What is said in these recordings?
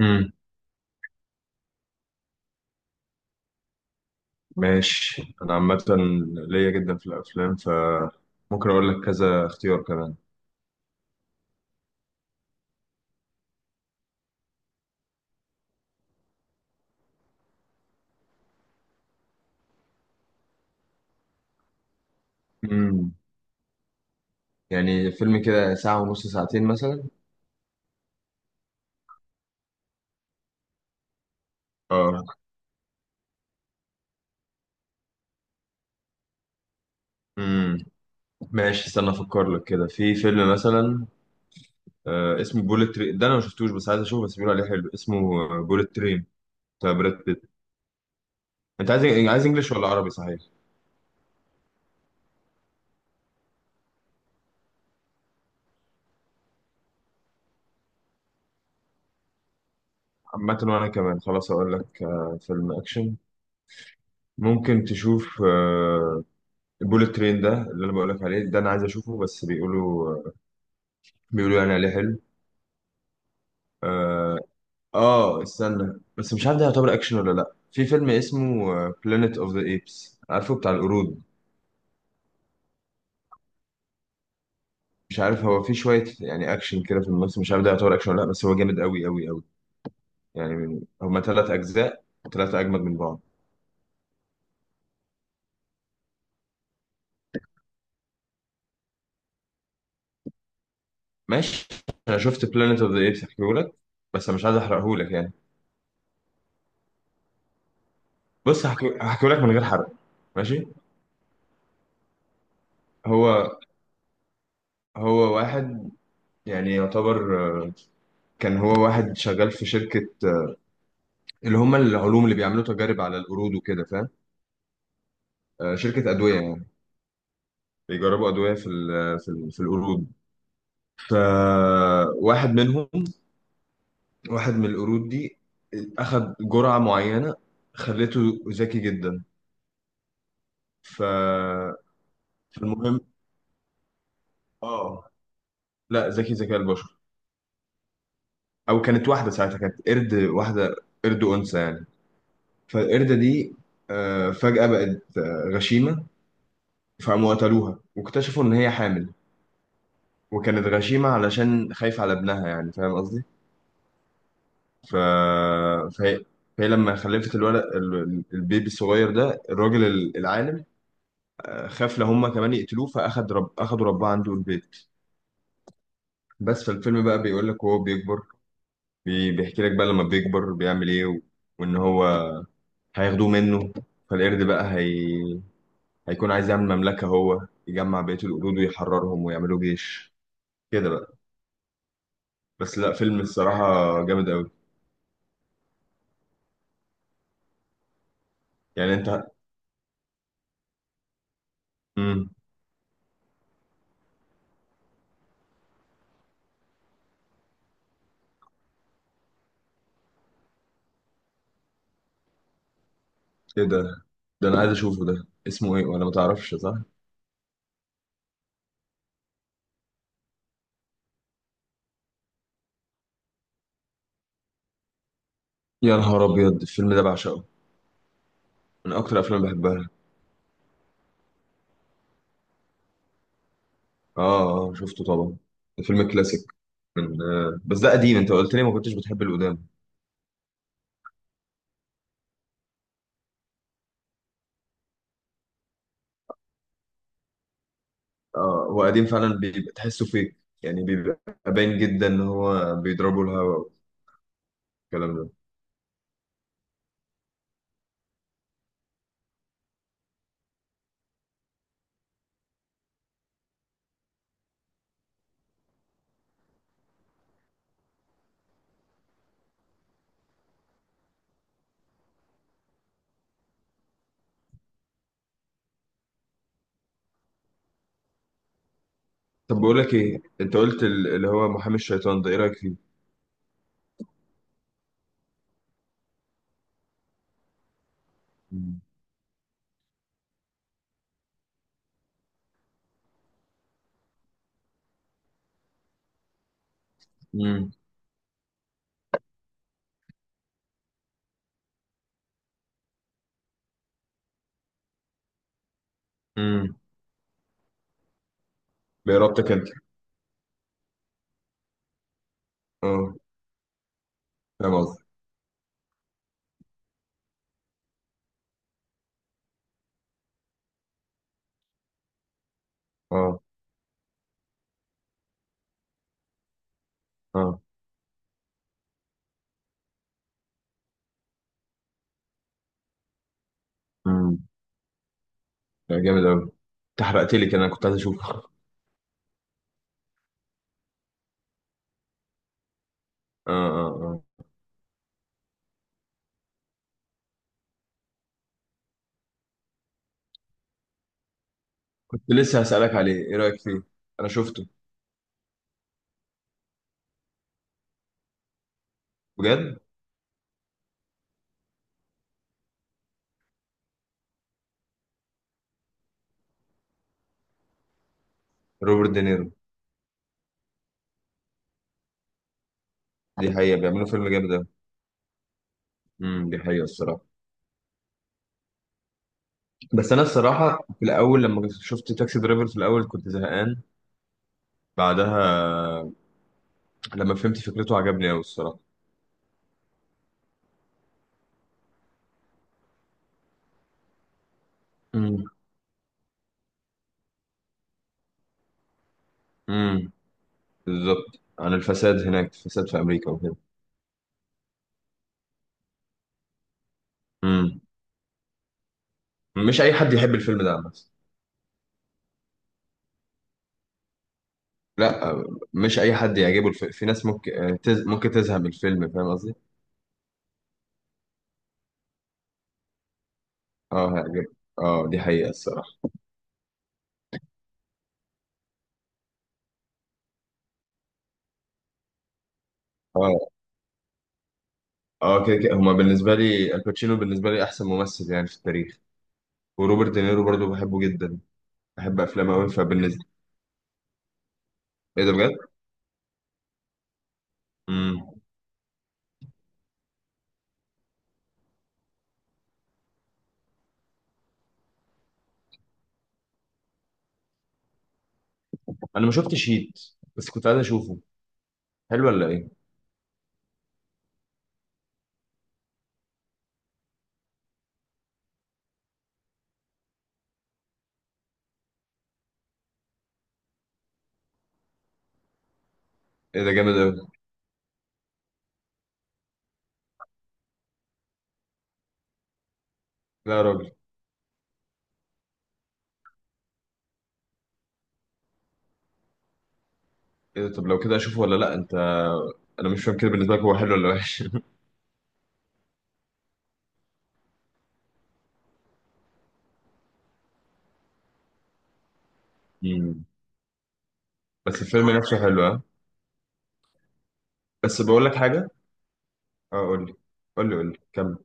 امم. ماشي، انا عامه ليا جدا في الافلام فممكن اقول لك كذا اختيار كمان. امم. يعني فيلم كده ساعه ونص ساعتين مثلا. اه. امم. ماشي، استنى افكر لك كده في فيلم مثلا. اسمه بوليت ترين، ده انا ما شفتوش بس عايز اشوفه، بس بيقولوا عليه حلو. اسمه بوليت ترين، بتاع براد بيت. انت عايز عايز انجليش ولا عربي صحيح؟ عامه وانا كمان خلاص اقول لك فيلم اكشن ممكن تشوف. بوليت ترين ده اللي انا بقول لك عليه، ده انا عايز اشوفه بس بيقولوا يعني عليه حلو. آه. اه استنى، بس مش عارف ده يعتبر اكشن ولا لا. في فيلم اسمه بلانيت اوف ذا ايبس، عارفه بتاع القرود. مش عارف هو في شويه يعني اكشن كده في النص، مش عارف ده يعتبر اكشن ولا لا، بس هو جامد قوي قوي قوي يعني. هما ثلاث اجزاء وثلاثه اجمد من بعض. ماشي، انا شفت بلانيت اوف ذا ايبس هحكيهولك، بس أنا مش عايز احرقهولك يعني. بص هحكيهولك من غير حرق. ماشي. هو هو واحد يعني يعتبر، كان هو واحد شغال في شركه، اللي هم العلوم اللي بيعملوا تجارب على القرود وكده، فاهم؟ شركة أدوية يعني، بيجربوا أدوية في القرود. فواحد منهم، واحد من القرود دي أخد جرعة معينة خلته ذكي جدا. ف فالمهم اه لا ذكي ذكاء البشر. أو كانت واحدة، ساعتها كانت قرد واحدة، قرد أنثى يعني. فالقردة دي فجأة بقت غشيمة، فقاموا قتلوها واكتشفوا إن هي حامل. وكانت غشيمة علشان خايفة على ابنها، يعني فاهم قصدي؟ ف... فهي... فهي لما خلفت الولد البيبي الصغير ده، الراجل العالم خاف لو هما كمان يقتلوه، أخدوا رباه عنده البيت. بس فالفيلم بقى بيقول لك وهو بيكبر، بيحكي لك بقى لما بيكبر بيعمل إيه، وإن هو هياخدوه منه. فالقرد بقى هي... هيكون عايز يعمل مملكة هو، يجمع بقية القرود ويحررهم ويعملوا جيش كده بقى. بس لا فيلم الصراحة جامد أوي يعني. أنت. مم. ايه ده؟ ده انا عايز اشوفه، ده اسمه ايه ولا ما تعرفش صح؟ يا نهار ابيض، الفيلم ده بعشقه، من اكتر الافلام اللي بحبها. اه اه شفته طبعا، ده فيلم كلاسيك من. بس ده قديم، انت قلت لي ما كنتش بتحب القدام. اه هو قديم فعلا بيبقى تحسه فيك يعني، بيبقى باين جدا ان هو بيضربوا الهوا والكلام ده. طب بقول لك ايه، انت قلت اللي هو محامي الشيطان ده، ايه رايك فيه؟ امم. امم. بإرادتك انت. اه فاهم قصدي. اه. اه لا جامد أوي، أنت حرقت لي كده أنا كنت عايز أشوفه. آه. آه. آه كنت لسه هسألك عليه، إيه رأيك فيه؟ أنا شفته. بجد. روبرت دينيرو. دي حقيقة بيعملوا فيلم جامد أوي. امم، دي حقيقة الصراحة. بس أنا الصراحة في الأول لما شفت تاكسي درايفر في الأول كنت زهقان. بعدها لما فهمت فكرته عجبني أوي الصراحة. امم. امم بالظبط، عن الفساد هناك، الفساد في أمريكا وكده. امم. مش أي حد يحب الفيلم ده بس. لا مش أي حد يعجبه في ناس ممكن ممكن تزهق من الفيلم فاهم قصدي؟ اه هيعجب. اه دي حقيقة الصراحة. اه اه كده كده، هما بالنسبة لي الباتشينو بالنسبة لي أحسن ممثل يعني في التاريخ. وروبرت دينيرو برضو بحبه جدا، بحب أفلامه أوي فبالنسبة. إيه ده بجد؟ امم. أنا ما شفتش هيت، بس كنت عايز أشوفه، حلو ولا إيه؟ إيه ده جامد أوي. لا يا راجل. إيه ده؟ طب لو كده أشوفه ولا لأ أنت؟ أنا مش فاهم كده بالنسبة لك، هو حلو ولا وحش؟ امم. بس الفيلم نفسه حلو، ها؟ بس بقول لك حاجة. اه قول لي، قول لي قول لي كمل.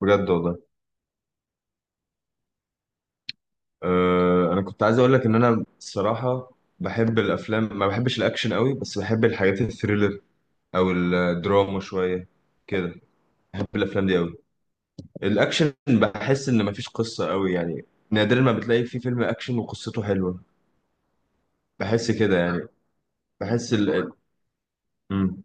بجد والله. انا كنت عايز اقول لك ان انا الصراحه بحب الافلام ما بحبش الاكشن قوي، بس بحب الحاجات الثريلر او الدراما شويه كده، بحب الافلام دي قوي. الاكشن بحس ان مفيش قصه قوي يعني، نادرا ما بتلاقي في فيلم اكشن وقصته حلوه، بحس كده يعني. بحس ال مم.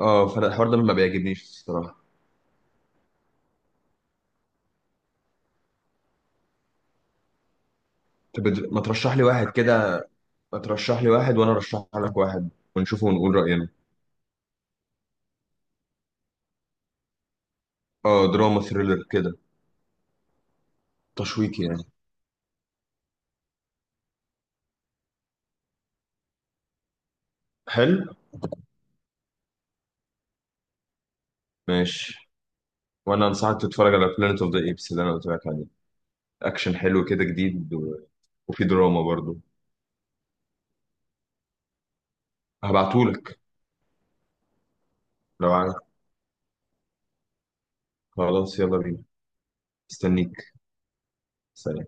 اه فانا الحوار ده ما بيعجبنيش الصراحه. طب ما ترشح لي واحد كده، ما ترشح لي واحد وانا ارشح لك واحد ونشوفه ونقول راينا. اه دراما ثريلر كده، تشويقي يعني. حلو. ماشي. وانا انصحك تتفرج على بلانيت اوف ذا ايبس اللي انا قلت لك عليه، اكشن حلو كده جديد وفي دراما برضو. هبعتهولك. لو عايز. خلاص يلا بينا. استنيك. سلام.